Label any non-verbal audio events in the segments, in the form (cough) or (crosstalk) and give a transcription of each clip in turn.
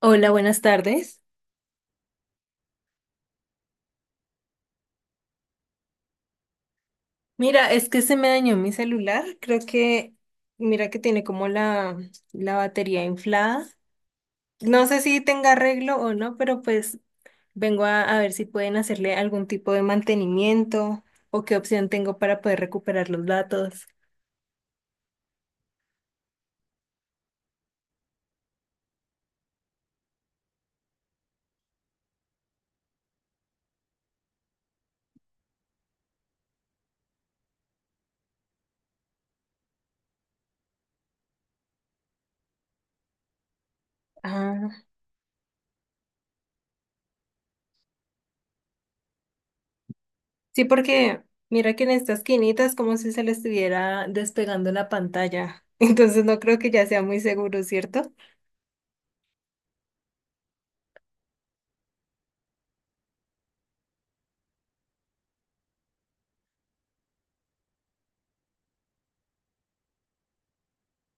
Hola, buenas tardes. Mira, es que se me dañó mi celular. Creo que, mira que tiene como la batería inflada. No sé si tenga arreglo o no, pero pues vengo a ver si pueden hacerle algún tipo de mantenimiento o qué opción tengo para poder recuperar los datos. Ah, sí, porque mira que en esta esquinita es como si se le estuviera despegando la pantalla. (laughs) Entonces no creo que ya sea muy seguro, ¿cierto?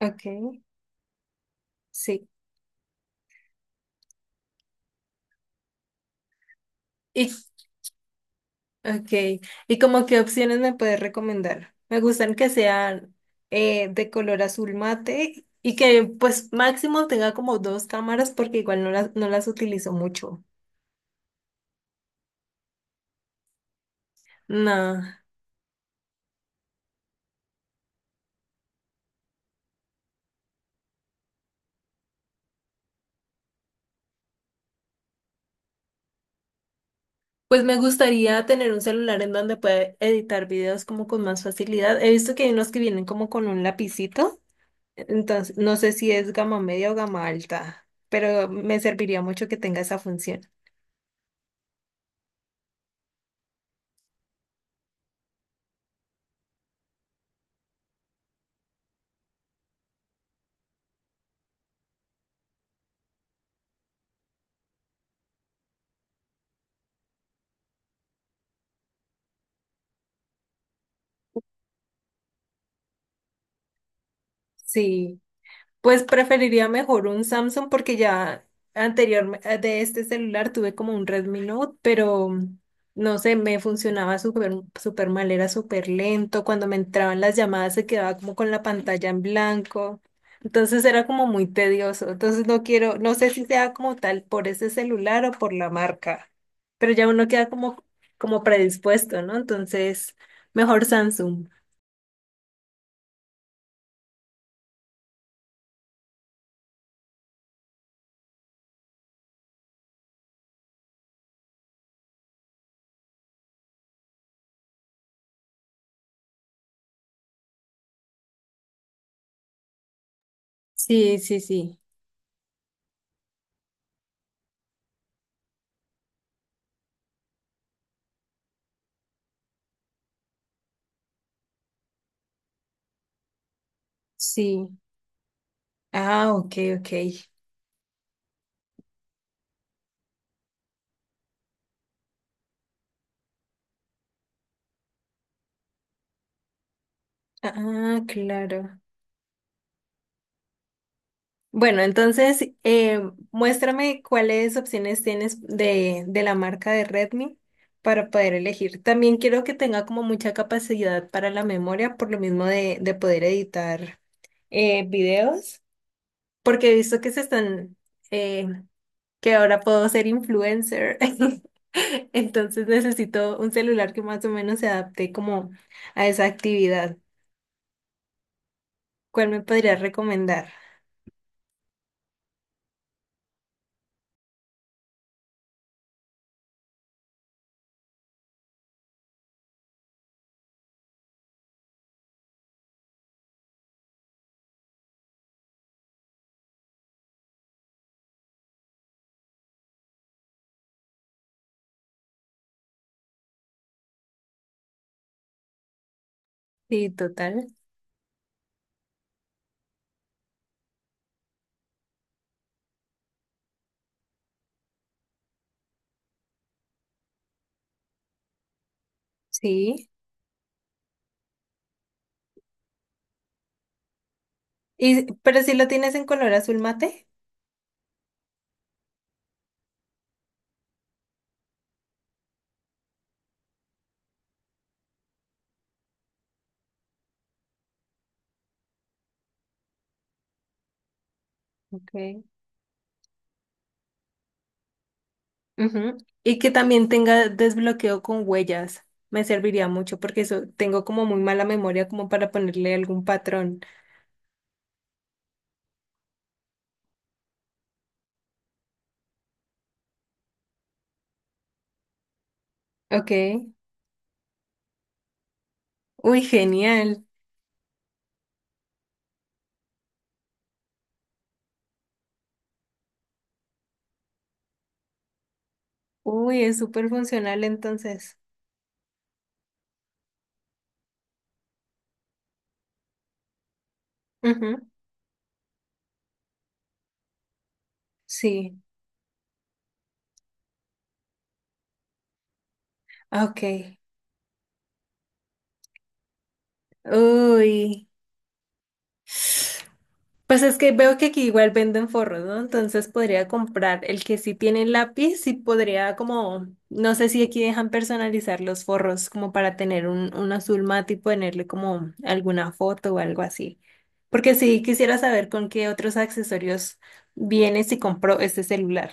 Ok, sí. ¿Y Okay, ¿y como qué opciones me puedes recomendar? Me gustan que sean de color azul mate y que pues máximo tenga como dos cámaras porque igual no las, no las utilizo mucho. No, pues me gustaría tener un celular en donde pueda editar videos como con más facilidad. He visto que hay unos que vienen como con un lapicito. Entonces, no sé si es gama media o gama alta, pero me serviría mucho que tenga esa función. Sí. Pues preferiría mejor un Samsung porque ya anterior de este celular tuve como un Redmi Note, pero no sé, me funcionaba súper súper mal, era súper lento. Cuando me entraban las llamadas se quedaba como con la pantalla en blanco. Entonces era como muy tedioso. Entonces no quiero, no sé si sea como tal por ese celular o por la marca, pero ya uno queda como, como predispuesto, ¿no? Entonces, mejor Samsung. Sí, sí, sí, sí. Ah, ok, ok. Ah, claro. Bueno, entonces muéstrame cuáles opciones tienes de la marca de Redmi para poder elegir. También quiero que tenga como mucha capacidad para la memoria, por lo mismo de poder editar videos, porque he visto que se están, eh, que ahora puedo ser influencer. (laughs) Entonces necesito un celular que más o menos se adapte como a esa actividad. ¿Cuál me podrías recomendar? Sí, total. Sí. Y, pero si lo tienes en color azul mate. Okay. Ujú. Y que también tenga desbloqueo con huellas. Me serviría mucho porque eso tengo como muy mala memoria como para ponerle algún patrón. Ok. Uy, genial. Uy, es súper funcional entonces. Ujú, sí. Ok. Uy. Pues es que veo que aquí igual venden forros, ¿no? Entonces podría comprar el que sí tiene lápiz y podría como, no sé si aquí dejan personalizar los forros como para tener un azul mate y ponerle como alguna foto o algo así. Porque sí quisiera saber con qué otros accesorios viene si compro este celular.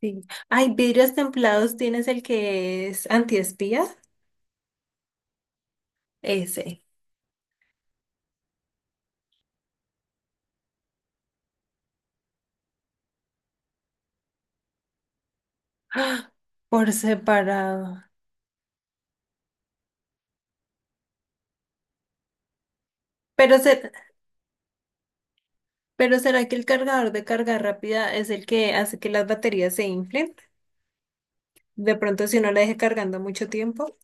Sí. Ay, vidrios templados, ¿tienes el que es antiespía? Ese. ¡Ah! Por separado. Pero, se- pero ¿será que el cargador de carga rápida es el que hace que las baterías se inflen? De pronto, si no la deje cargando mucho tiempo.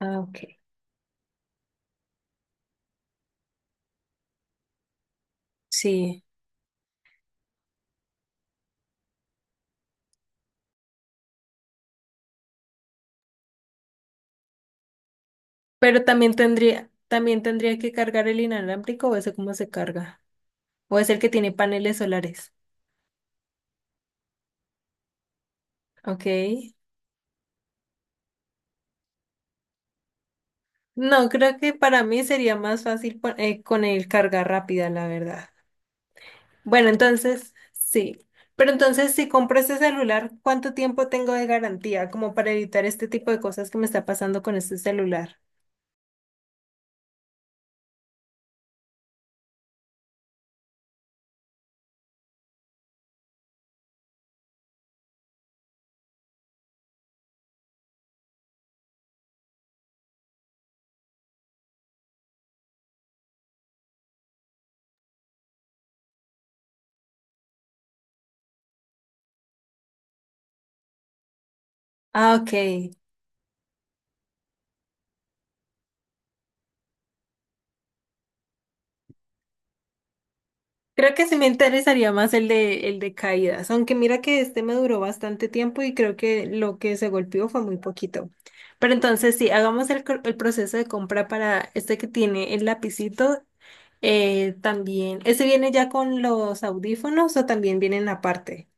Ah, ok. Sí. Pero también tendría que cargar el inalámbrico o ese cómo se carga. O es el que tiene paneles solares. Ok. No, creo que para mí sería más fácil con el carga rápida, la verdad. Bueno, entonces, sí. Pero entonces, si compro este celular, ¿cuánto tiempo tengo de garantía? Como para evitar este tipo de cosas que me está pasando con este celular. Ah, ok. Creo que sí me interesaría más el de caídas, aunque mira que este me duró bastante tiempo y creo que lo que se golpeó fue muy poquito. Pero entonces, sí, hagamos el proceso de compra para este que tiene el lapicito. Eh, también, ¿ese viene ya con los audífonos o también vienen aparte?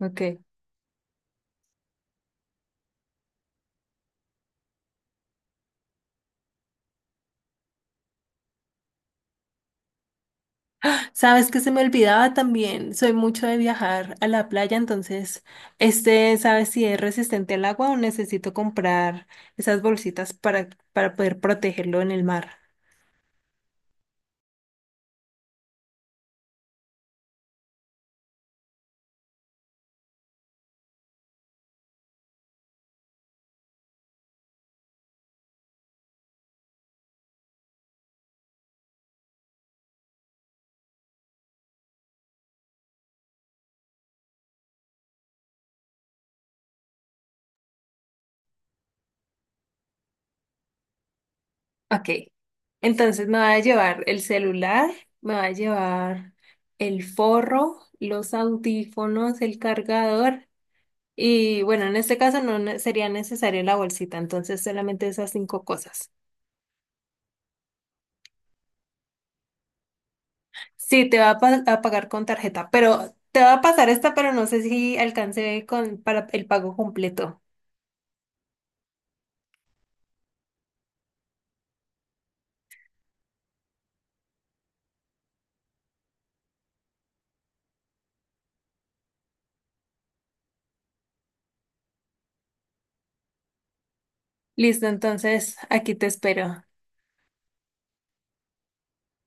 Ok. Sabes que se me olvidaba también, soy mucho de viajar a la playa, entonces, este, ¿sabes si es resistente al agua o necesito comprar esas bolsitas para poder protegerlo en el mar? Ok, entonces me va a llevar el celular, me va a llevar el forro, los audífonos, el cargador y bueno, en este caso no ne- sería necesaria la bolsita, entonces solamente esas cinco cosas. Sí, te va a pagar con tarjeta, pero te va a pasar esta, pero no sé si alcance con para el pago completo. Listo, entonces aquí te espero.